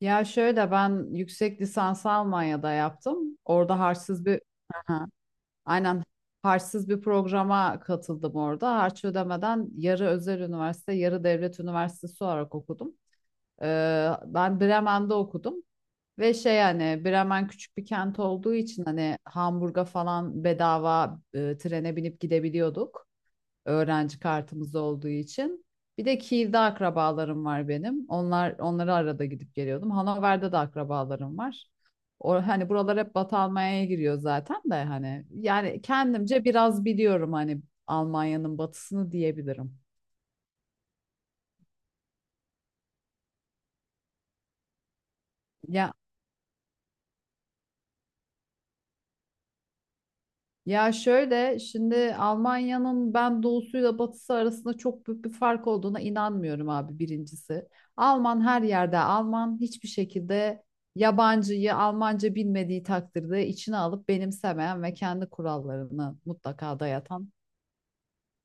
Ya şöyle ben yüksek lisansı Almanya'da yaptım. Orada harçsız bir... Aha, aynen, harçsız bir programa katıldım orada. Harç ödemeden yarı özel üniversite, yarı devlet üniversitesi olarak okudum. Ben Bremen'de okudum ve şey, hani Bremen küçük bir kent olduğu için hani Hamburg'a falan bedava trene binip gidebiliyorduk, öğrenci kartımız olduğu için. Bir de Kiev'de akrabalarım var benim. Onlar, onları arada gidip geliyordum. Hanover'de de akrabalarım var. O hani buralar hep Batı Almanya'ya giriyor zaten de hani yani kendimce biraz biliyorum hani, Almanya'nın batısını diyebilirim. Ya Ya şöyle, şimdi Almanya'nın ben doğusuyla batısı arasında çok büyük bir fark olduğuna inanmıyorum abi, birincisi. Alman her yerde Alman, hiçbir şekilde yabancıyı Almanca bilmediği takdirde içine alıp benimsemeyen ve kendi kurallarını mutlaka dayatan...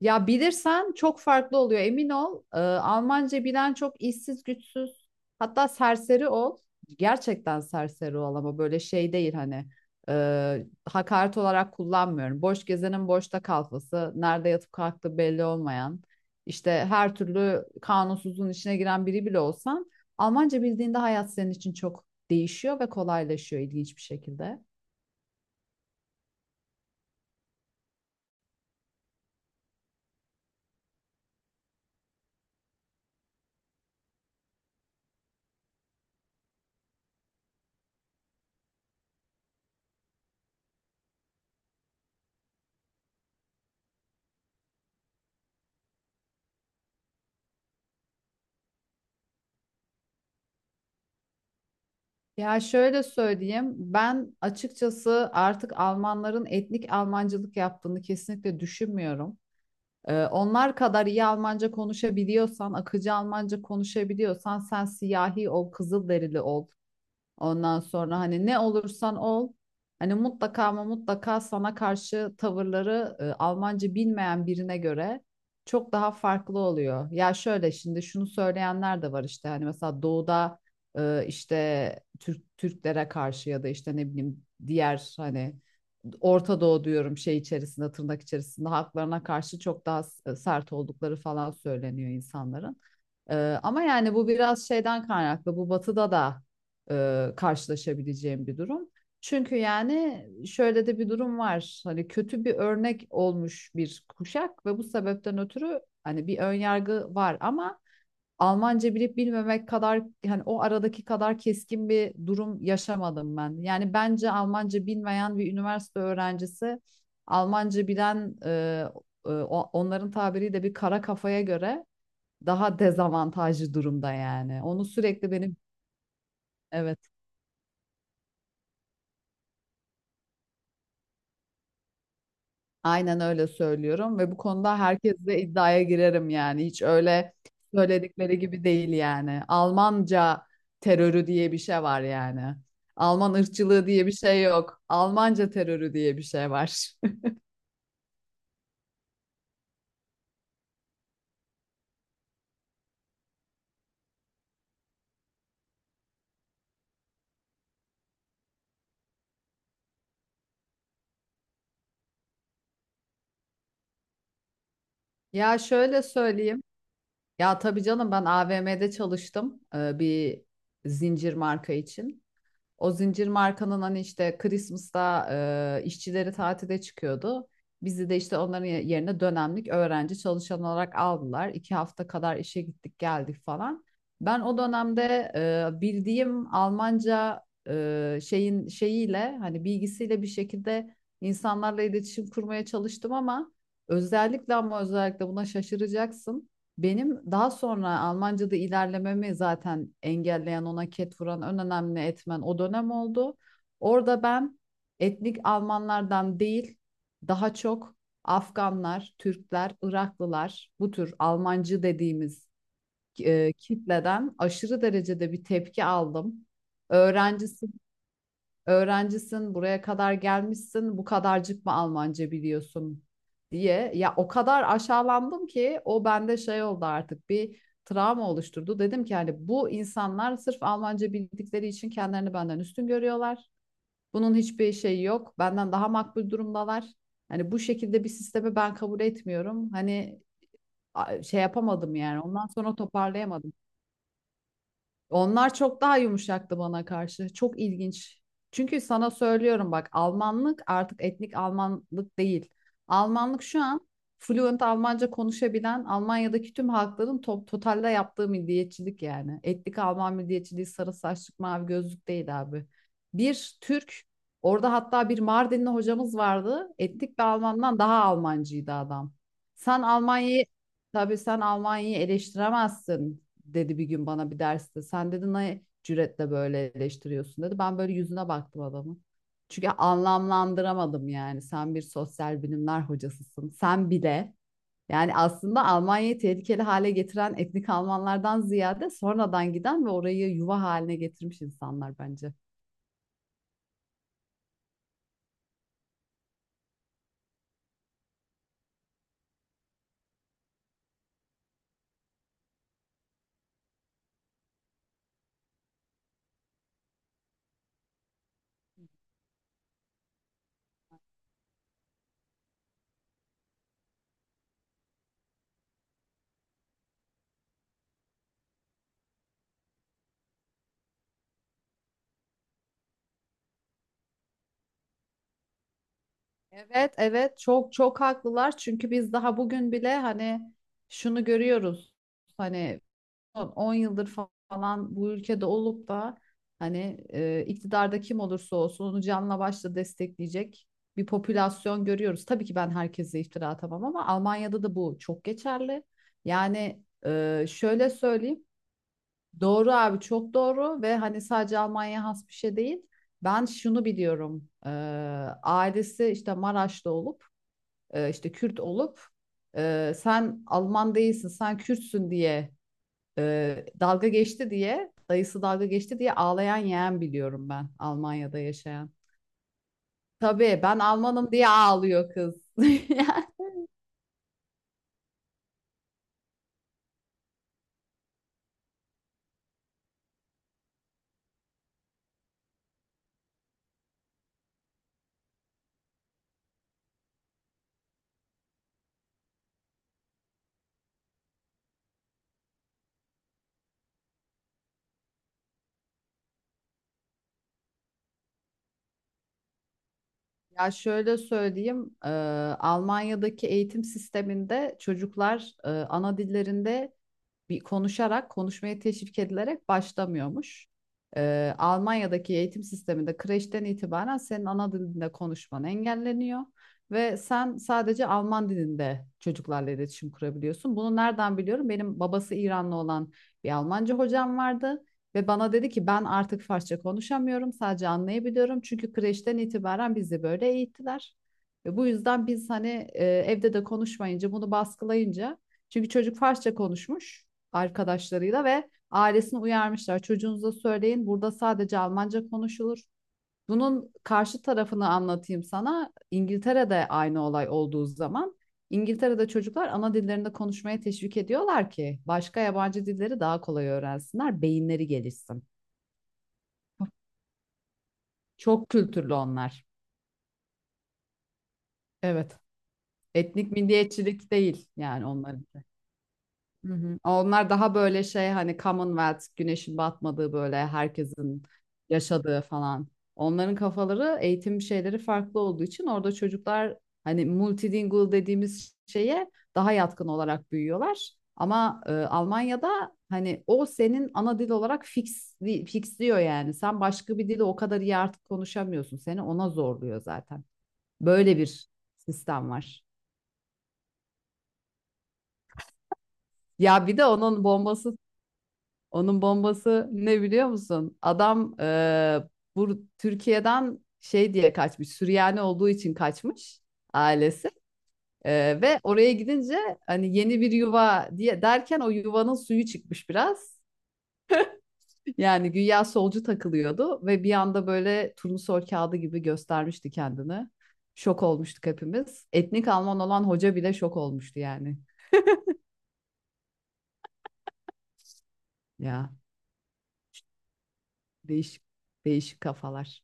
Ya bilirsen çok farklı oluyor, emin ol. Almanca bilen çok işsiz güçsüz, hatta serseri ol. Gerçekten serseri ol, ama böyle şey değil hani, hakaret olarak kullanmıyorum. Boş gezenin boşta kalfası, nerede yatıp kalktığı belli olmayan, işte her türlü kanunsuzluğun içine giren biri bile olsan, Almanca bildiğinde hayat senin için çok değişiyor ve kolaylaşıyor ilginç bir şekilde. Ya şöyle söyleyeyim, ben açıkçası artık Almanların etnik Almancılık yaptığını kesinlikle düşünmüyorum. Onlar kadar iyi Almanca konuşabiliyorsan, akıcı Almanca konuşabiliyorsan, sen siyahi ol, kızılderili ol. Ondan sonra hani ne olursan ol, hani mutlaka ama mutlaka sana karşı tavırları Almanca bilmeyen birine göre çok daha farklı oluyor. Ya şöyle şimdi şunu söyleyenler de var, işte hani mesela doğuda işte Türklere karşı, ya da işte ne bileyim diğer hani Orta Doğu diyorum, şey içerisinde, tırnak içerisinde, haklarına karşı çok daha sert oldukları falan söyleniyor insanların. Ama yani bu biraz şeyden kaynaklı. Bu batıda da karşılaşabileceğim bir durum. Çünkü yani şöyle de bir durum var. Hani kötü bir örnek olmuş bir kuşak ve bu sebepten ötürü hani bir önyargı var, ama Almanca bilip bilmemek kadar, hani o aradaki kadar keskin bir durum yaşamadım ben. Yani bence Almanca bilmeyen bir üniversite öğrencisi, Almanca bilen onların tabiriyle bir kara kafaya göre daha dezavantajlı durumda yani. Onu sürekli benim... Evet, aynen öyle söylüyorum ve bu konuda herkesle iddiaya girerim yani. Hiç öyle söyledikleri gibi değil yani. Almanca terörü diye bir şey var yani. Alman ırkçılığı diye bir şey yok. Almanca terörü diye bir şey var. Ya şöyle söyleyeyim. Ya tabii canım, ben AVM'de çalıştım bir zincir marka için. O zincir markanın hani işte Christmas'ta işçileri tatile çıkıyordu. Bizi de işte onların yerine dönemlik öğrenci çalışan olarak aldılar. İki hafta kadar işe gittik geldik falan. Ben o dönemde bildiğim Almanca şeyin şeyiyle, hani bilgisiyle bir şekilde insanlarla iletişim kurmaya çalıştım, ama özellikle buna şaşıracaksın. Benim daha sonra Almanca'da ilerlememi zaten engelleyen, ona ket vuran en önemli etmen o dönem oldu. Orada ben etnik Almanlardan değil, daha çok Afganlar, Türkler, Iraklılar, bu tür Almancı dediğimiz kitleden aşırı derecede bir tepki aldım. Öğrencisi Öğrencisin, buraya kadar gelmişsin, bu kadarcık mı Almanca biliyorsun diye. Ya o kadar aşağılandım ki o bende şey oldu, artık bir travma oluşturdu. Dedim ki, hani bu insanlar sırf Almanca bildikleri için kendilerini benden üstün görüyorlar. Bunun hiçbir şeyi yok. Benden daha makbul durumdalar. Hani bu şekilde bir sistemi ben kabul etmiyorum. Hani şey yapamadım yani. Ondan sonra toparlayamadım. Onlar çok daha yumuşaktı bana karşı. Çok ilginç. Çünkü sana söylüyorum bak, Almanlık artık etnik Almanlık değil. Almanlık şu an fluent Almanca konuşabilen Almanya'daki tüm halkların totalde yaptığı milliyetçilik yani. Etnik Alman milliyetçiliği sarı saçlık, mavi gözlük değil abi. Bir Türk orada, hatta bir Mardinli hocamız vardı. Etnik bir Almandan daha Almancıydı adam. Sen Almanya'yı Tabii sen Almanya'yı eleştiremezsin, dedi bir gün bana bir derste. Sen, dedi, ne cüretle böyle eleştiriyorsun, dedi. Ben böyle yüzüne baktım adamın. Çünkü anlamlandıramadım yani. Sen bir sosyal bilimler hocasısın. Sen bile... Yani aslında Almanya'yı tehlikeli hale getiren etnik Almanlardan ziyade sonradan giden ve orayı yuva haline getirmiş insanlar bence. Evet, evet, çok çok haklılar çünkü biz daha bugün bile hani şunu görüyoruz. Hani son 10 yıldır falan bu ülkede olup da hani iktidarda kim olursa olsun onu canla başla destekleyecek bir popülasyon görüyoruz. Tabii ki ben herkese iftira atamam, ama Almanya'da da bu çok geçerli. Yani şöyle söyleyeyim. Doğru abi, çok doğru ve hani sadece Almanya'ya has bir şey değil. Ben şunu biliyorum. Ailesi işte Maraşlı olup işte Kürt olup, sen Alman değilsin sen Kürtsün diye dalga geçti diye, dayısı dalga geçti diye ağlayan yeğen biliyorum ben, Almanya'da yaşayan. Tabii ben Almanım diye ağlıyor kız. Ya şöyle söyleyeyim, Almanya'daki eğitim sisteminde çocuklar ana dillerinde konuşarak, konuşmaya teşvik edilerek başlamıyormuş. Almanya'daki eğitim sisteminde kreşten itibaren senin ana dilinde konuşman engelleniyor ve sen sadece Alman dilinde çocuklarla iletişim kurabiliyorsun. Bunu nereden biliyorum? Benim babası İranlı olan bir Almanca hocam vardı ve bana dedi ki, ben artık Farsça konuşamıyorum, sadece anlayabiliyorum. Çünkü kreşten itibaren bizi böyle eğittiler. Ve bu yüzden biz hani evde de konuşmayınca, bunu baskılayınca, çünkü çocuk Farsça konuşmuş arkadaşlarıyla ve ailesini uyarmışlar. Çocuğunuza söyleyin, burada sadece Almanca konuşulur. Bunun karşı tarafını anlatayım sana. İngiltere'de aynı olay olduğu zaman, İngiltere'de çocuklar ana dillerinde konuşmaya teşvik ediyorlar ki başka yabancı dilleri daha kolay öğrensinler, beyinleri gelişsin. Çok kültürlü onlar. Evet. Etnik milliyetçilik değil yani onların. Hı hı. Onlar daha böyle şey, hani Commonwealth, güneşin batmadığı, böyle herkesin yaşadığı falan. Onların kafaları, eğitim şeyleri farklı olduğu için orada çocuklar hani multilingual dediğimiz şeye daha yatkın olarak büyüyorlar. Ama Almanya'da hani o senin ana dil olarak fixliyor yani. Sen başka bir dili o kadar iyi artık konuşamıyorsun. Seni ona zorluyor zaten. Böyle bir sistem var. Ya bir de onun bombası... Onun bombası ne biliyor musun? Adam bu Türkiye'den şey diye kaçmış. Süryani olduğu için kaçmış ailesi. Ve oraya gidince hani yeni bir yuva diye derken, o yuvanın suyu çıkmış biraz. Yani güya solcu takılıyordu ve bir anda böyle turnusol kağıdı gibi göstermişti kendini. Şok olmuştuk hepimiz. Etnik Alman olan hoca bile şok olmuştu yani. Ya değişik, değişik kafalar.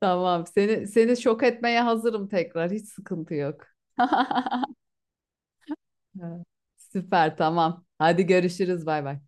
Tamam. Seni şok etmeye hazırım tekrar. Hiç sıkıntı yok. Evet. Süper, tamam. Hadi görüşürüz. Bay bay.